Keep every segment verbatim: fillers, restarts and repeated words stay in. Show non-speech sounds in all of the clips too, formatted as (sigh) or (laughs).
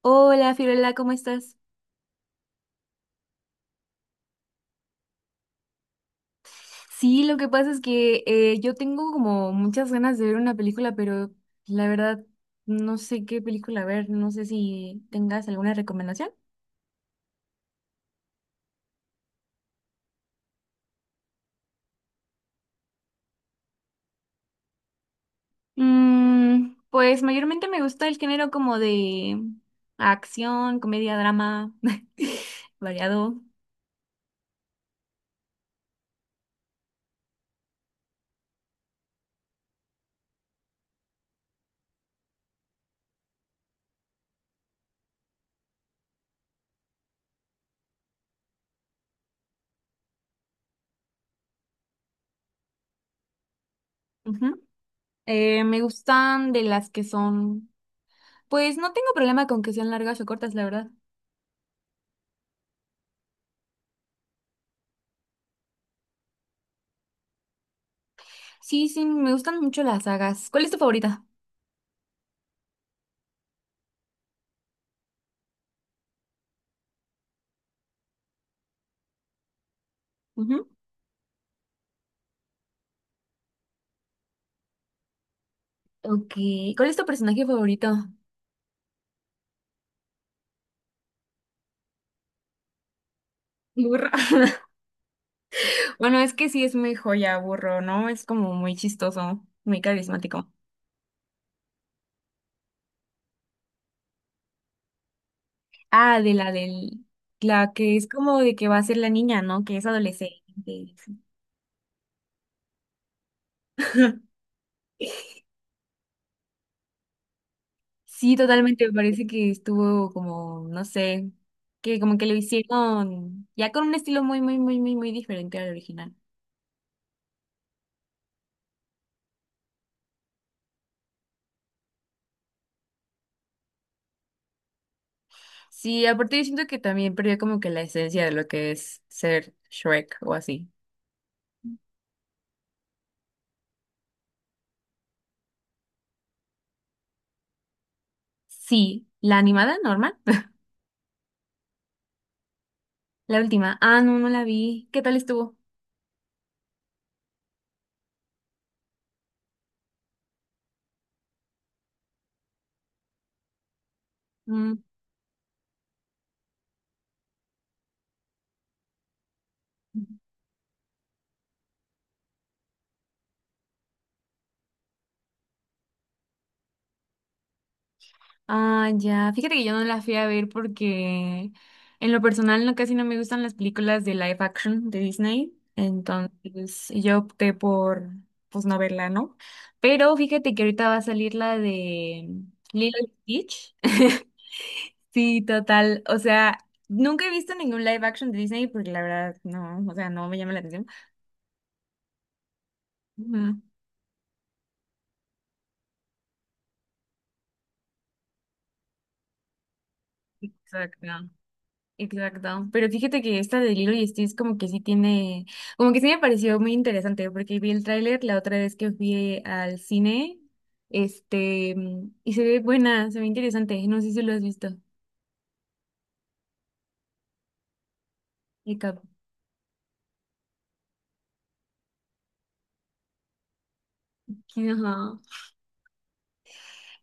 Hola, Fiorella, ¿cómo estás? Sí, lo que pasa es que eh, yo tengo como muchas ganas de ver una película, pero la verdad no sé qué película ver, no sé si tengas alguna recomendación. Mm, pues mayormente me gusta el género como de acción, comedia, drama, (laughs) variado. Ujú. Eh, me gustan de las que son, pues no tengo problema con que sean largas o cortas, la verdad. Sí, sí, me gustan mucho las sagas. ¿Cuál es tu favorita? Ok. ¿Cuál es tu personaje favorito? Burro. (laughs) Bueno, es que sí es muy joya, burro, ¿no? Es como muy chistoso, muy carismático. Ah, de la del, la que es como de que va a ser la niña, ¿no? Que es adolescente. (laughs) Sí, totalmente, me parece que estuvo como, no sé, que como que lo hicieron ya con un estilo muy, muy, muy, muy, muy diferente al original. Sí, aparte yo siento que también perdió como que la esencia de lo que es ser Shrek o así. Sí, la animada normal. La última. Ah, no, no la vi. ¿Qué tal estuvo? Mm. Ah, ya. Fíjate que yo no la fui a ver porque en lo personal no casi no me gustan las películas de live action de Disney. Entonces yo opté por pues no verla, ¿no? Pero fíjate que ahorita va a salir la de Lilo y Stitch. (laughs) Sí, total. O sea, nunca he visto ningún live action de Disney porque la verdad no, o sea, no me llama la atención. Ujú. Exacto. Exacto, pero fíjate que esta de Lilo y Stitch como que sí tiene, como que sí me pareció muy interesante porque vi el tráiler la otra vez que fui al cine, este, mm, y se ve buena, se ve interesante, no sé si lo has visto, el capo. Ajá.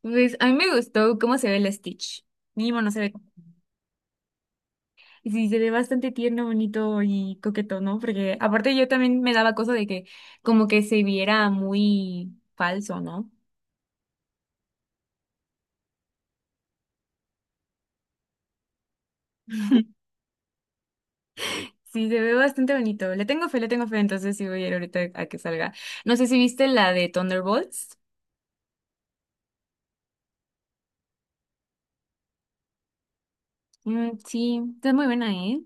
Pues a mí me gustó cómo se ve el Stitch, mínimo no se ve, y sí, se ve bastante tierno, bonito y coqueto, ¿no? Porque aparte yo también me daba cosa de que como que se viera muy falso, ¿no? Sí, se ve bastante bonito. Le tengo fe, le tengo fe, entonces sí voy a ir ahorita a que salga. No sé si viste la de Thunderbolts. Mm, sí, está muy buena, ¿eh?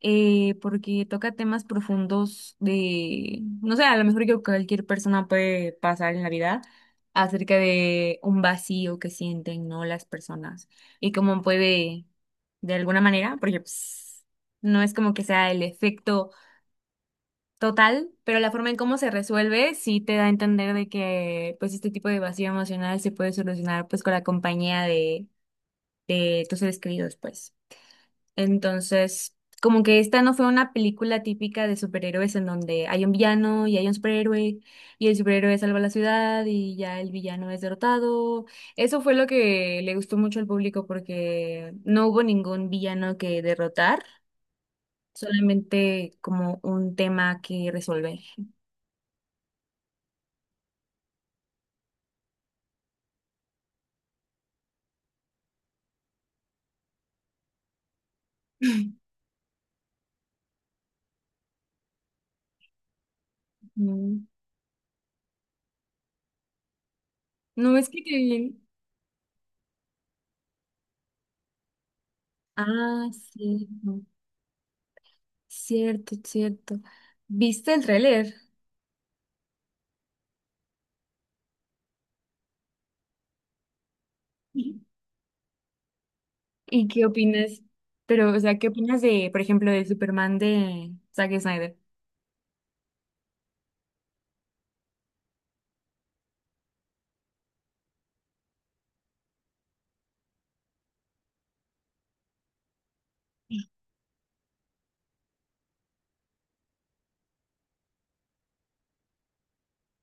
Eh, porque toca temas profundos de, no sé, a lo mejor que cualquier persona puede pasar en la vida acerca de un vacío que sienten, ¿no? Las personas y cómo puede, de alguna manera, porque pues, no es como que sea el efecto. Total, pero la forma en cómo se resuelve sí te da a entender de que pues este tipo de vacío emocional se puede solucionar pues con la compañía de, de tus seres queridos pues. Entonces, como que esta no fue una película típica de superhéroes en donde hay un villano y hay un superhéroe y el superhéroe salva la ciudad y ya el villano es derrotado. Eso fue lo que le gustó mucho al público porque no hubo ningún villano que derrotar, solamente como un tema que resolver. Mm. No, es que qué bien. Ah, cierto, cierto, cierto. ¿Viste el tráiler? ¿Y qué opinas? Pero, o sea, ¿qué opinas de, por ejemplo, del Superman de Zack Snyder?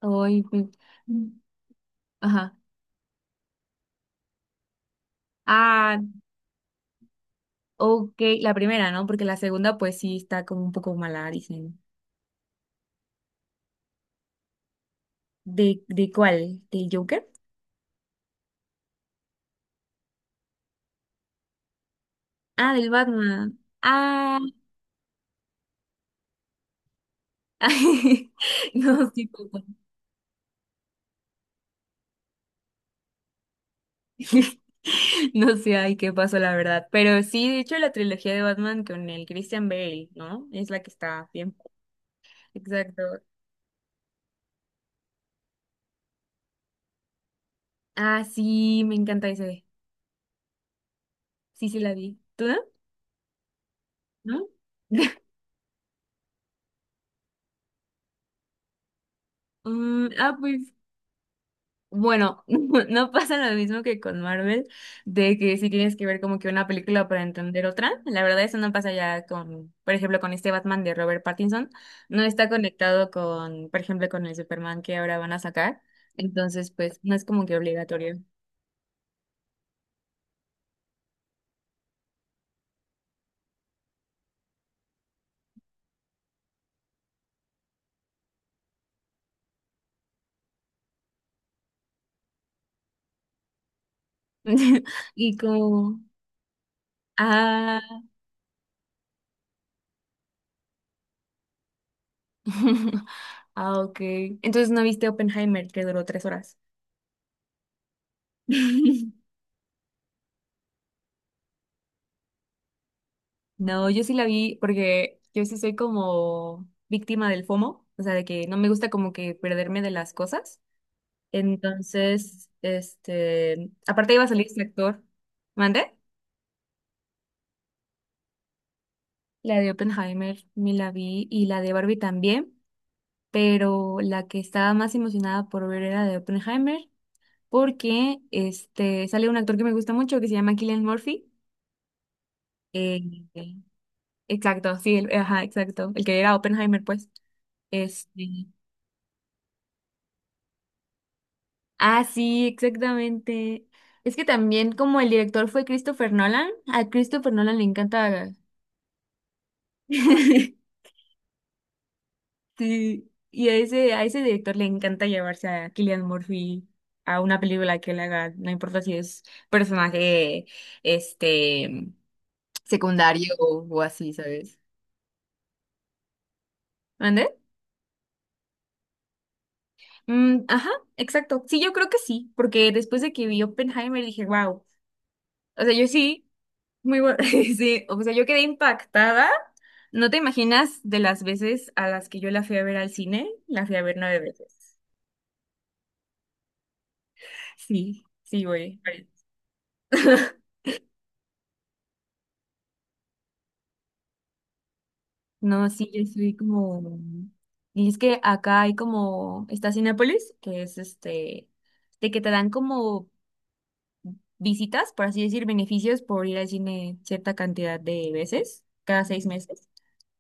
Ay, pues, ajá. Ah, ok, la primera, ¿no? Porque la segunda, pues sí, está como un poco mala, dicen. ¿De, de cuál? ¿Del Joker? Ah, del Batman. Ah, (laughs) no, sí, pues. (laughs) No sé, ay, qué pasó, la verdad. Pero sí, de hecho, la trilogía de Batman con el Christian Bale, ¿no? Es la que está bien. Exacto. Ah, sí, me encanta ese. Sí, sí, la vi. ¿Tú no? ¿No? (laughs) Mm, ah, pues, bueno, (laughs) no pasa lo mismo que con Marvel, de que si tienes que ver como que una película para entender otra. La verdad, eso no pasa ya con, por ejemplo, con este Batman de Robert Pattinson. No está conectado con, por ejemplo, con el Superman que ahora van a sacar. Entonces, pues, no es como que obligatorio. (laughs) Y como, ah, (laughs) ah, ok. Entonces, ¿no viste Oppenheimer, que duró tres horas? (laughs) No, yo sí la vi porque yo sí soy como víctima del FOMO, o sea, de que no me gusta como que perderme de las cosas. Entonces, este, aparte iba a salir este actor, ¿mande? La de Oppenheimer me la vi y la de Barbie también, pero la que estaba más emocionada por ver era de Oppenheimer porque este sale un actor que me gusta mucho que se llama Cillian Murphy. Eh, eh, exacto, sí, el- ajá, exacto, el que era Oppenheimer, pues. Este, Ah, sí, exactamente. Es que también como el director fue Christopher Nolan, a Christopher Nolan le encanta, (laughs) sí, y a ese, a ese director le encanta llevarse a Cillian Murphy a una película que él haga, no importa si es personaje este secundario o, o así, ¿sabes? ¿Mande? Mm, ajá, exacto. Sí, yo creo que sí, porque después de que vi Oppenheimer dije, wow. O sea, yo sí. Muy bueno, (laughs) sí, o sea, yo quedé impactada. No te imaginas de las veces a las que yo la fui a ver al cine, la fui a ver nueve veces. Sí, sí, güey. (laughs) No, sí, yo soy como... Y es que acá hay como, está Cinépolis, que es este, de que te dan como visitas, por así decir, beneficios por ir al cine cierta cantidad de veces, cada seis meses.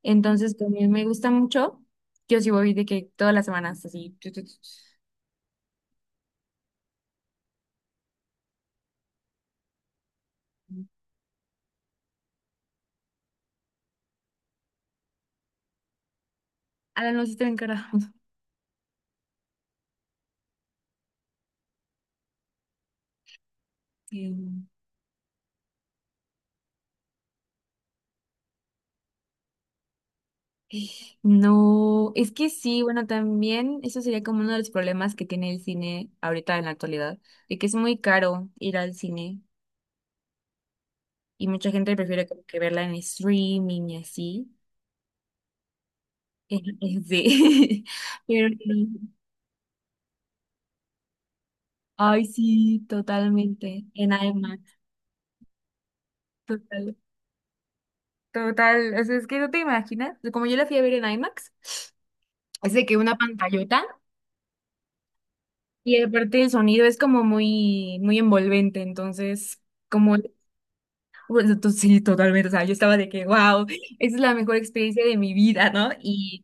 Entonces, también me gusta mucho. Yo sí voy de que todas las semanas, así. (laughs) Alan los está encargados. (laughs) No, es que sí, bueno, también eso sería como uno de los problemas que tiene el cine ahorita en la actualidad, de que es muy caro ir al cine y mucha gente prefiere como que verla en streaming y así. (laughs) Eh, eh, Sí, (laughs) pero sí. Ay, sí, totalmente, en IMAX, total, total, o sea, es que no te imaginas, como yo la fui a ver en IMAX, es de que una pantallota. Y aparte el sonido es como muy, muy envolvente, entonces, como, bueno, to- sí, totalmente, o sea, yo estaba de que, wow, esa es la mejor experiencia de mi vida, ¿no? Y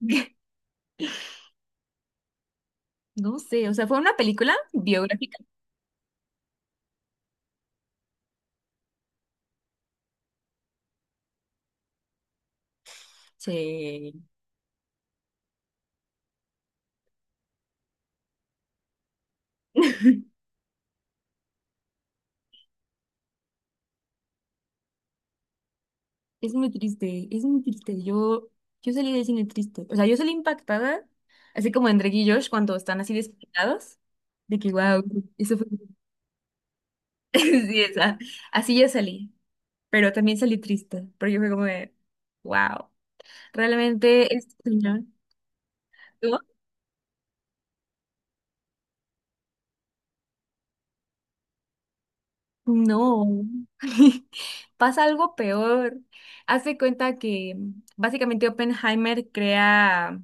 (laughs) no sé, o sea, fue una película biográfica. Sí. (laughs) Es muy triste, es muy triste. Yo, yo salí del cine triste. O sea, yo salí impactada, así como en Drake y Josh cuando están así despeinados, de que, wow, eso fue... (laughs) Sí, esa. Así yo salí, pero también salí triste, pero yo fue como de, wow. Realmente, este señor, ¿no? No. (laughs) Pasa algo peor. Haz de cuenta que básicamente Oppenheimer crea,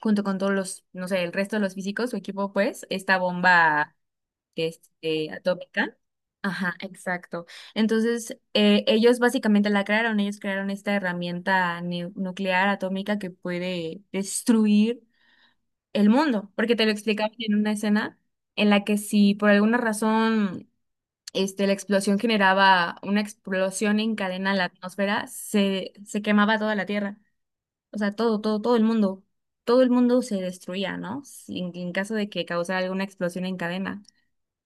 junto con todos los, no sé, el resto de los físicos, su equipo, pues, esta bomba este, atómica. Ajá, exacto. Entonces, eh, ellos básicamente la crearon, ellos crearon esta herramienta nu- nuclear atómica que puede destruir el mundo, porque te lo explicaban en una escena en la que si por alguna razón este, la explosión generaba una explosión en cadena en la atmósfera, se, se quemaba toda la Tierra, o sea, todo, todo, todo el mundo, todo el mundo se destruía, ¿no? Si- En, en caso de que causara alguna explosión en cadena.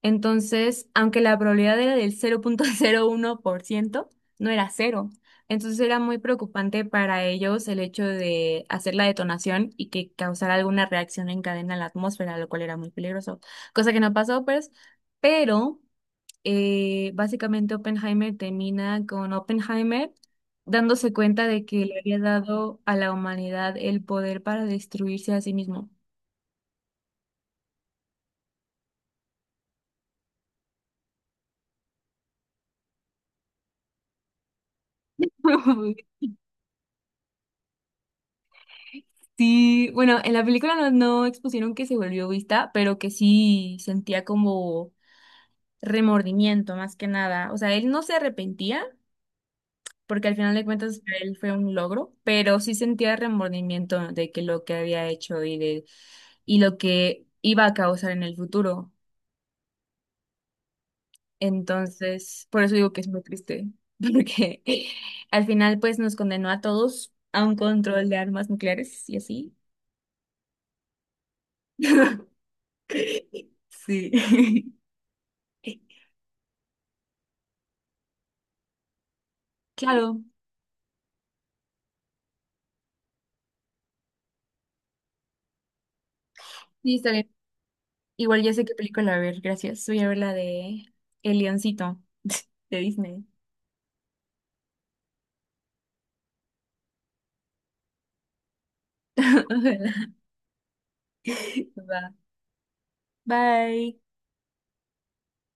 Entonces, aunque la probabilidad era del cero punto cero uno por ciento, no era cero. Entonces era muy preocupante para ellos el hecho de hacer la detonación y que causara alguna reacción en cadena en la atmósfera, lo cual era muy peligroso, cosa que no pasó, pues. Pero eh, básicamente Oppenheimer termina con Oppenheimer dándose cuenta de que le había dado a la humanidad el poder para destruirse a sí mismo. (laughs) Sí, bueno, en la película no, no expusieron que se volvió vista, pero que sí sentía como remordimiento más que nada. O sea, él no se arrepentía, porque al final de cuentas para él fue un logro, pero sí sentía remordimiento de que lo que había hecho y de, y lo que iba a causar en el futuro. Entonces, por eso digo que es muy triste, (laughs) porque al final pues nos condenó a todos a un control de armas nucleares y así. (laughs) Sí. (laughs) Claro, sí, está bien. Igual ya sé qué película ver, gracias. Voy a ver la de El Leoncito de Disney. (laughs) Ojalá. Va. Bye.